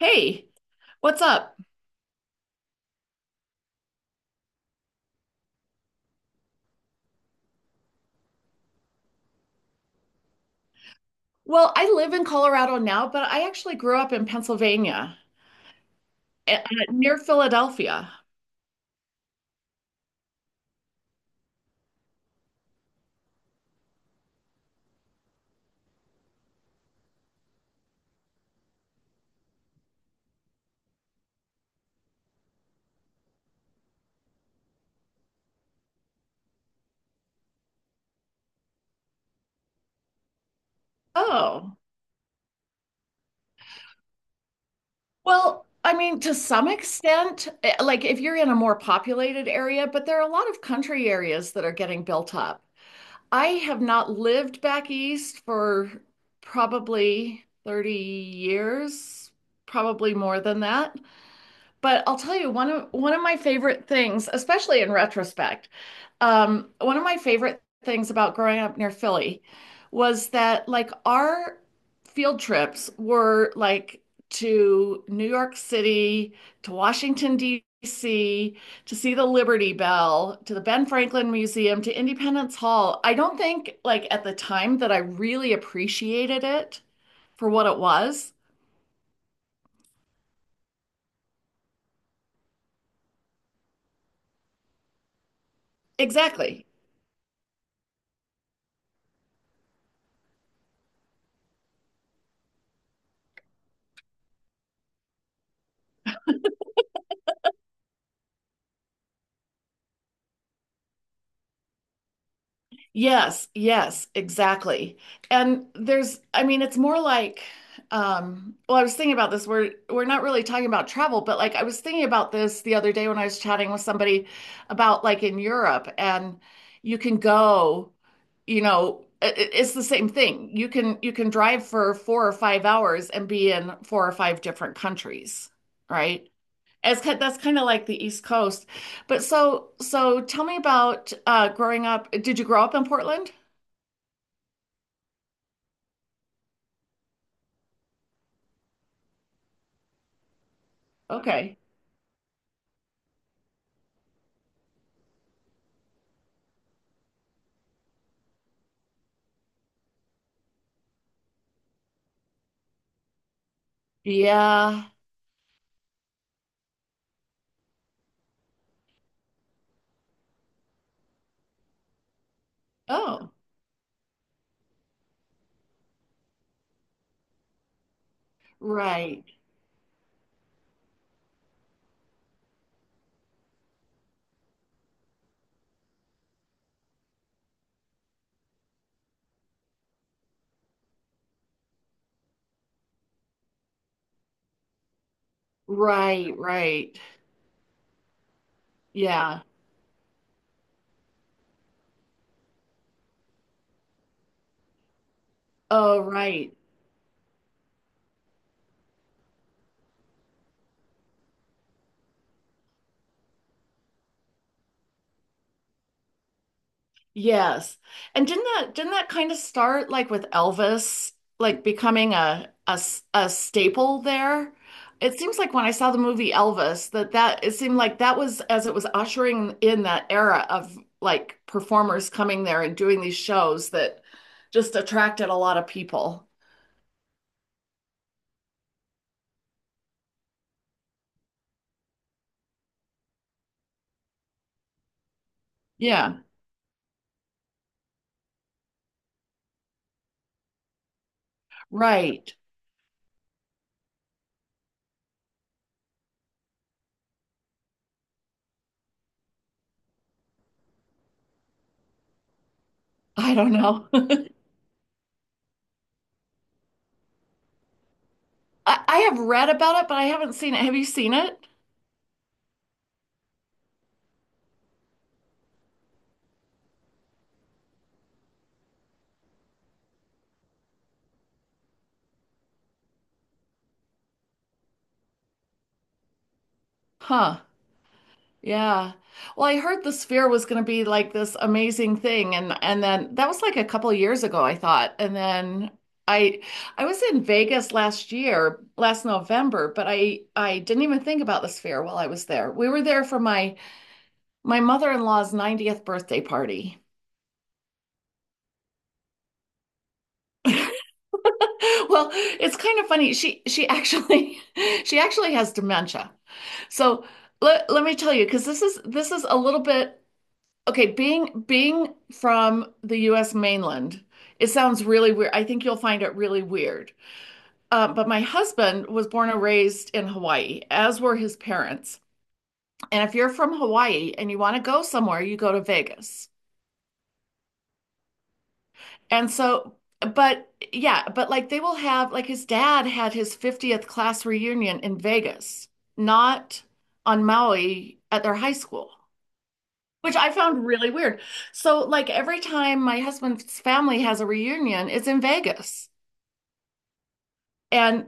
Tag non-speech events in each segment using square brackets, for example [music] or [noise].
Hey, what's up? Well, I live in Colorado now, but I actually grew up in Pennsylvania, near Philadelphia. Oh, well, I mean, to some extent, like if you're in a more populated area, but there are a lot of country areas that are getting built up. I have not lived back east for probably 30 years, probably more than that. But I'll tell you one of my favorite things, especially in retrospect, one of my favorite things about growing up near Philly was that like our field trips were like to New York City, to Washington, D.C., to see the Liberty Bell, to the Ben Franklin Museum, to Independence Hall. I don't think like at the time that I really appreciated it for what it was. Exactly. Yes, yes, exactly. And there's, I mean, it's more like, well, I was thinking about this. We're not really talking about travel, but like I was thinking about this the other day when I was chatting with somebody about like in Europe, and you can go, you know, it's the same thing. You can drive for 4 or 5 hours and be in four or five different countries, right? It's kind, that's kind of like the East Coast. But so tell me about growing up. Did you grow up in Portland? Okay. Yeah. Oh, right. Right, right. Yeah. Oh, right. Yes. And didn't that kind of start like with Elvis like becoming a staple there? It seems like when I saw the movie Elvis that that it seemed like that was as it was ushering in that era of like performers coming there and doing these shows that just attracted a lot of people. Yeah, right. I don't know. [laughs] I have read about it, but I haven't seen it. Have you seen it? Huh. Yeah. Well, I heard the sphere was going to be like this amazing thing and then that was like a couple of years ago, I thought. And then I I was in Vegas last year, last November, but I didn't even think about the sphere while I was there. We were there for my mother-in-law's 90th birthday party. [laughs] Well, it's kind of funny. She actually [laughs] she actually has dementia. So let me tell you, because this is a little bit. Okay, being from the US mainland, it sounds really weird. I think you'll find it really weird. But my husband was born and raised in Hawaii, as were his parents. And if you're from Hawaii and you want to go somewhere, you go to Vegas. And so, but yeah, but like they will have, like his dad had his 50th class reunion in Vegas, not on Maui at their high school. Which I found really weird. So, like, every time my husband's family has a reunion, it's in Vegas. And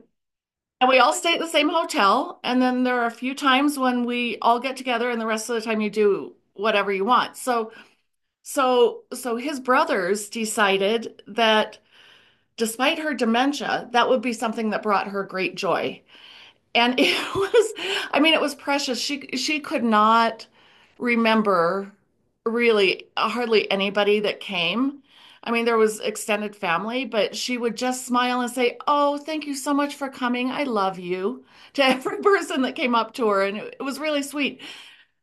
and we all stay at the same hotel. And then there are a few times when we all get together, and the rest of the time you do whatever you want. So, so his brothers decided that despite her dementia, that would be something that brought her great joy. And it [laughs] was, I mean, it was precious. She could not remember really hardly anybody that came. I mean, there was extended family, but she would just smile and say, "Oh, thank you so much for coming. I love you," to every [laughs] person that came up to her, and it was really sweet.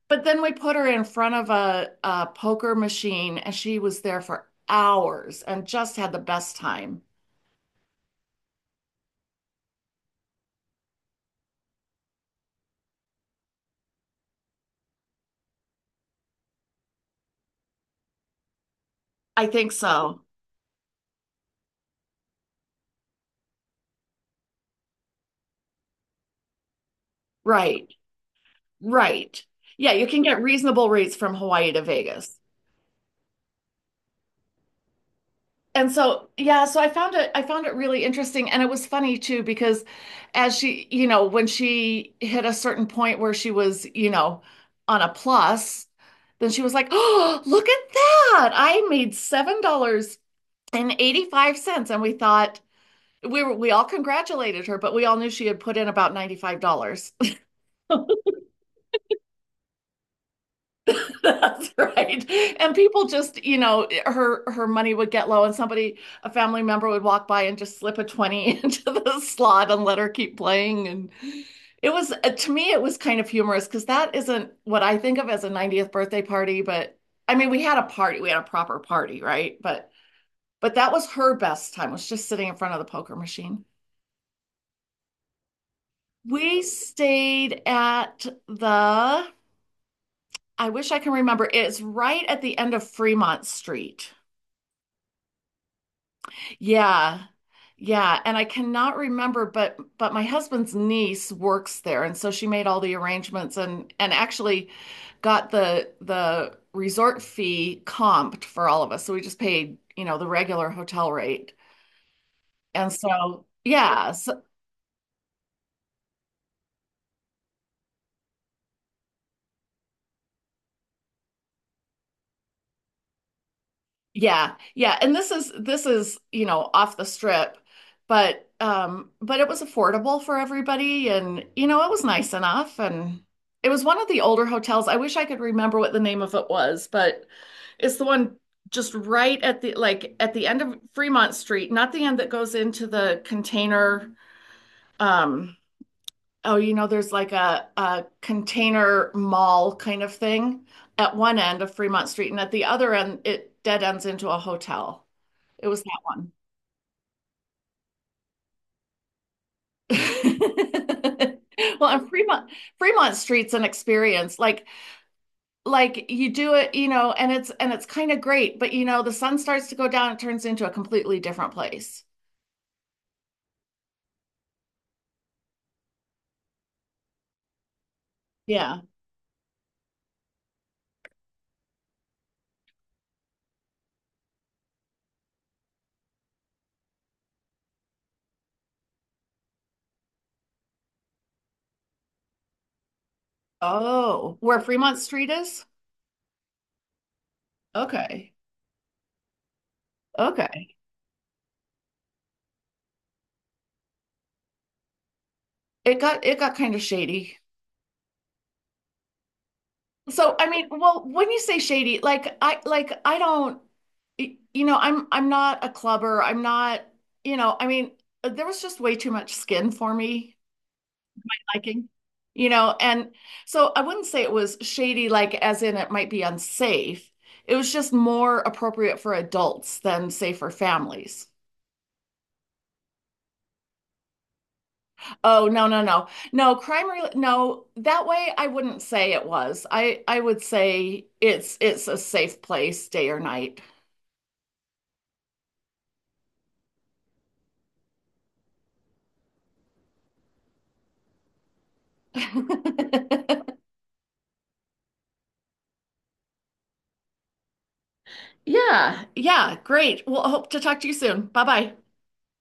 But then we put her in front of a poker machine, and she was there for hours and just had the best time. I think so. Right. Right. Yeah, you can get reasonable rates from Hawaii to Vegas. And so, yeah, so I found it really interesting and it was funny too because as she, you know, when she hit a certain point where she was, you know, on a plus, then she was like, "Oh, look at that. I made $7.85." And we thought we all congratulated her, but we all knew she had put in about $95. [laughs] [laughs] That's right. And people just, you know, her money would get low and somebody, a family member would walk by and just slip a 20 [laughs] into the slot and let her keep playing. And it was, to me, it was kind of humorous because that isn't what I think of as a 90th birthday party, but I mean, we had a proper party, right? But that was her best time, was just sitting in front of the poker machine. We stayed at the, I wish I can remember, it's right at the end of Fremont Street. Yeah. Yeah, and I cannot remember, but my husband's niece works there, and so she made all the arrangements and actually got the resort fee comped for all of us. So we just paid, you know, the regular hotel rate. And so, yeah. Yeah, yeah, and this is, you know, off the strip, but it was affordable for everybody and you know, it was nice enough and it was one of the older hotels. I wish I could remember what the name of it was, but it's the one just right at the like at the end of Fremont Street, not the end that goes into the container, um oh, you know, there's like a container mall kind of thing at one end of Fremont Street and at the other end it dead ends into a hotel. It was that one. [laughs] Well, and Fremont Street's an experience. Like you do it, you know, and it's kind of great, but you know, the sun starts to go down, it turns into a completely different place. Yeah. Oh, where Fremont Street is? Okay. Okay. It got kind of shady. So, I mean, well, when you say shady, I like I don't, you know, I'm not a clubber. I'm not, you know, I mean, there was just way too much skin for me liking, you know, and so I wouldn't say it was shady, like as in it might be unsafe. It was just more appropriate for adults than say for families. Oh, no, no, no. No, crime rel no, that way I wouldn't say it was. I would say it's a safe place day or night. [laughs] Yeah, yeah, great. Well, I hope to talk to you soon. Bye-bye.